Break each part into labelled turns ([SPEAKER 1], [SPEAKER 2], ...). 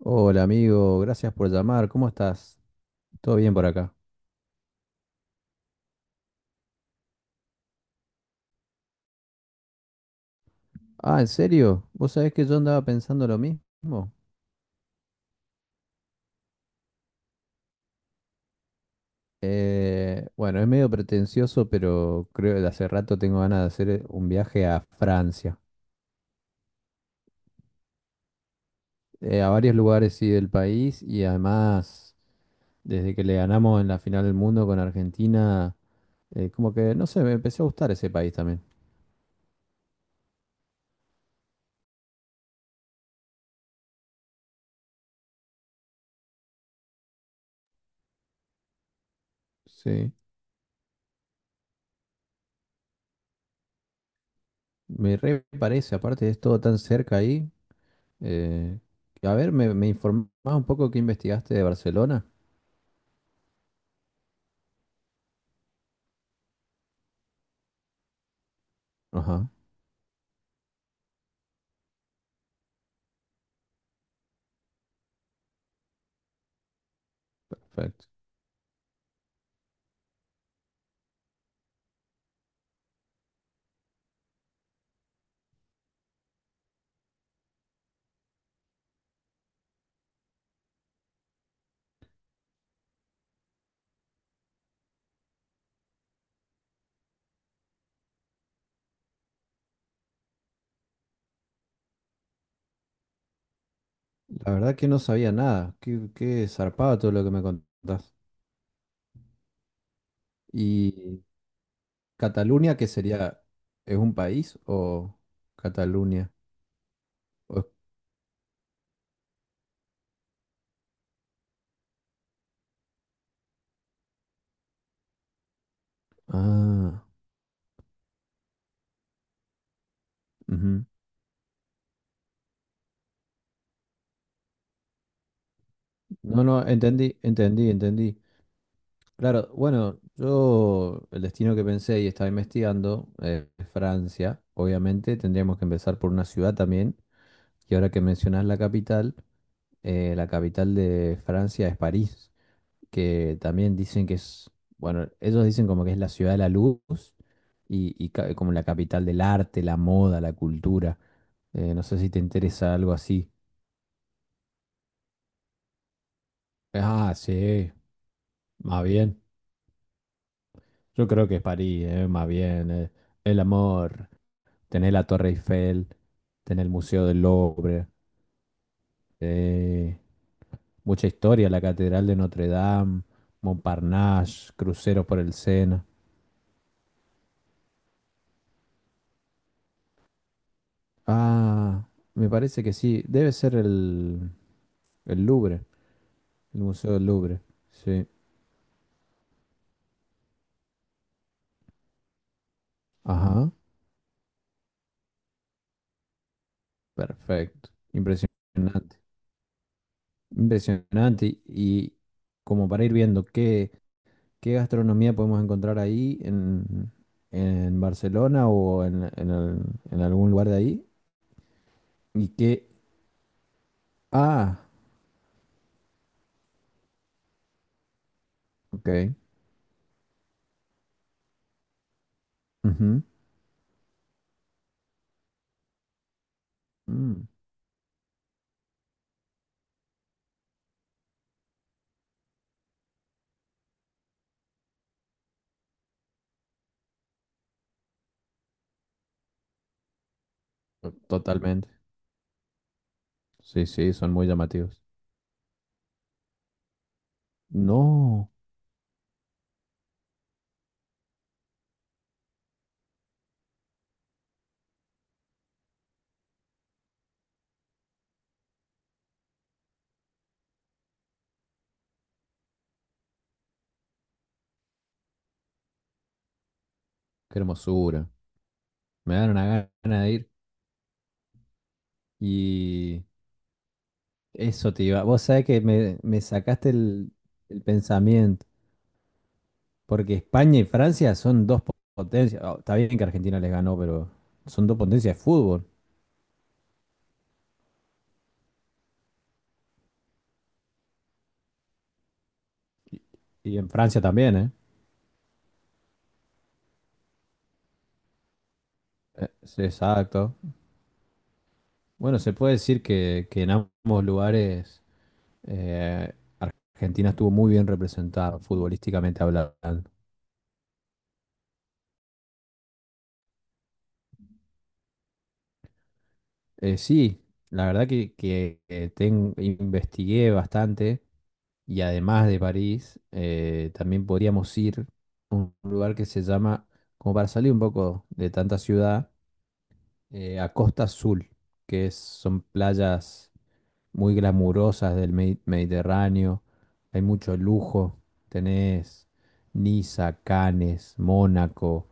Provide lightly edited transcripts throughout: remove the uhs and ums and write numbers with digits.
[SPEAKER 1] Hola amigo, gracias por llamar, ¿cómo estás? ¿Todo bien por acá? Ah, ¿en serio? ¿Vos sabés que yo andaba pensando lo mismo? Bueno, es medio pretencioso, pero creo que de hace rato tengo ganas de hacer un viaje a Francia, a varios lugares sí del país. Y además, desde que le ganamos en la final del mundo con Argentina, como que no sé, me empezó a gustar ese país también. Sí, me re parece, aparte es todo tan cerca ahí. Eh, a ver, me informás un poco qué investigaste de Barcelona. Ajá, perfecto. La verdad que no sabía nada. Qué zarpado todo lo que me contás. ¿Y Cataluña, qué sería? ¿Es un país o Cataluña? O- ah, ujú. No, no, entendí, entendí. Claro, bueno, yo el destino que pensé y estaba investigando es Francia. Obviamente tendríamos que empezar por una ciudad también. Y ahora que mencionás la capital, la capital de Francia es París, que también dicen que es, bueno, ellos dicen como que es la ciudad de la luz y como la capital del arte, la moda, la cultura. No sé si te interesa algo así. Ah, sí, más bien. Yo creo que es París, más bien. El amor, tener la Torre Eiffel, tener el Museo del Louvre, eh, mucha historia, la Catedral de Notre Dame, Montparnasse, cruceros por el Sena. Ah, me parece que sí. El Louvre, el Museo del Louvre. Sí. Ajá. Perfecto. Impresionante. Impresionante. Y como para ir viendo qué gastronomía podemos encontrar ahí en Barcelona o en en algún lugar de ahí. Y qué... Ah, ok. Ujú. Mm, totalmente. Sí, sí, son muy llamativos. No, qué hermosura. Me dan una gana de ir. Y eso te iba. Vos sabés que me sacaste el pensamiento, porque España y Francia son potencias. Oh, está bien que Argentina les ganó, pero son dos potencias de fútbol. Y en Francia también, ¿eh? Sí, exacto. Bueno, se puede decir que, en ambos lugares eh, Argentina estuvo muy bien representada futbolísticamente hablando. Sí, la verdad que, que investigué bastante. Y además de París, también podríamos ir a un lugar que se llama, como para salir un poco de tanta ciudad, a Costa Azul, son playas muy glamurosas del Mediterráneo, hay mucho lujo, tenés Niza, Cannes, Mónaco.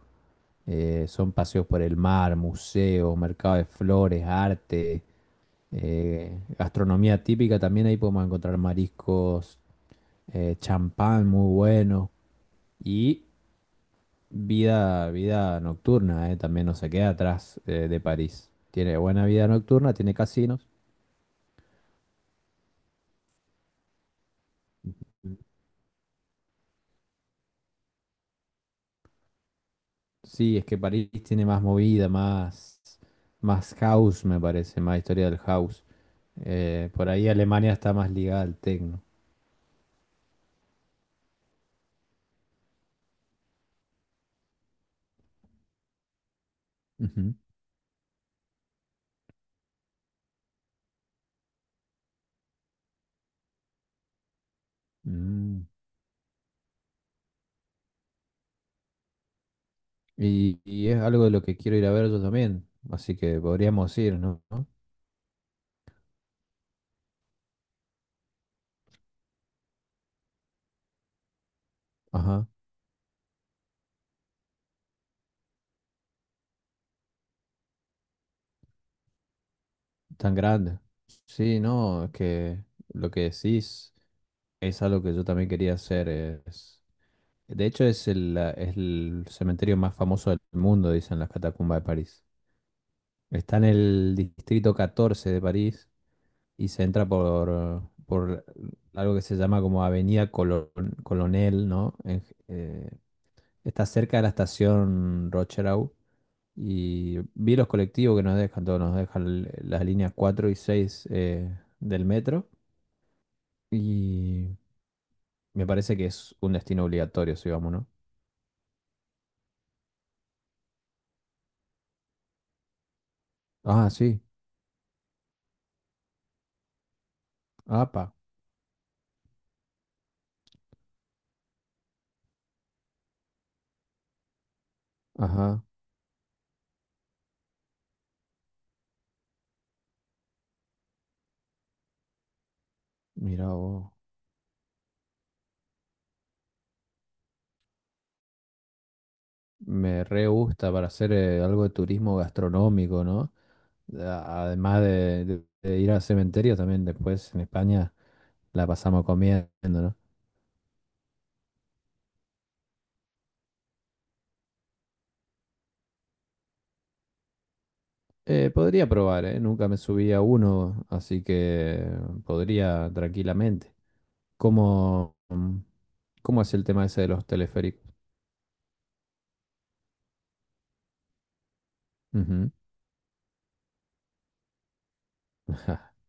[SPEAKER 1] Son paseos por el mar, museos, mercado de flores, arte, gastronomía típica. También ahí podemos encontrar mariscos, champán muy bueno y vida nocturna. También no se queda atrás de París. Tiene buena vida nocturna, tiene casinos. Sí, es que París tiene más movida, más, más house, me parece, más historia del house. Por ahí Alemania está más ligada al techno. Ujú. Mm. Y es algo de lo que quiero ir a ver yo también, así que podríamos ir, ¿no? ¿No? Ajá, tan grande. Sí, no, es que lo que decís es algo que yo también quería hacer. Es... De hecho, es es el cementerio más famoso del mundo, dicen las catacumbas de París. Está en el distrito 14 de París y se entra por algo que se llama como Colonel, ¿no? Eh, Está cerca de la estación Rocherau y vi los colectivos que nos dejan, todos nos dejan las líneas 4 y 6 del metro. Y me parece que es un destino obligatorio, si vamos, ¿no? Ah, sí. ¡Apa! Ajá. Mira vos. Me re gusta para hacer algo de turismo gastronómico, ¿no? Además de, de ir al cementerio, también después en España la pasamos comiendo, ¿no? Podría probar, ¿eh? Nunca me subí a uno, así que podría tranquilamente. ¿Cómo, ¿cómo es el tema ese de los teleféricos? Ujú.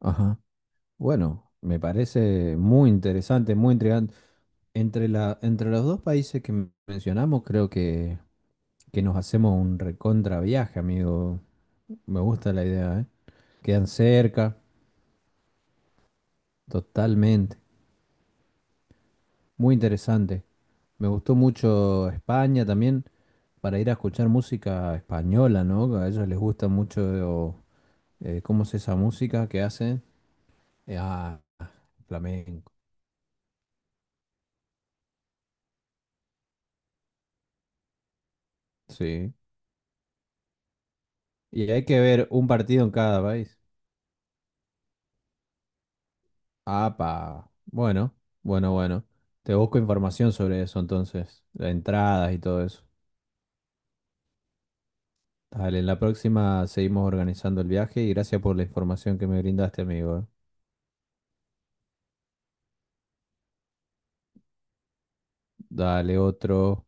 [SPEAKER 1] Ajá. Bueno, me parece muy interesante, muy intrigante. Entre los dos países que mencionamos, creo que nos hacemos un recontra viaje, amigo. Me gusta la idea, ¿eh? Quedan cerca, totalmente. Muy interesante. Me gustó mucho España también, para ir a escuchar música española, ¿no? A ellos les gusta mucho cómo es esa música que hacen. Eh, ah, Flamenco. Sí. Y hay que ver un partido en cada país. Apa. Bueno, bueno. Te busco información sobre eso entonces, las entradas y todo eso. Dale, en la próxima seguimos organizando el viaje, y gracias por la información que me brindaste, amigo. Dale otro.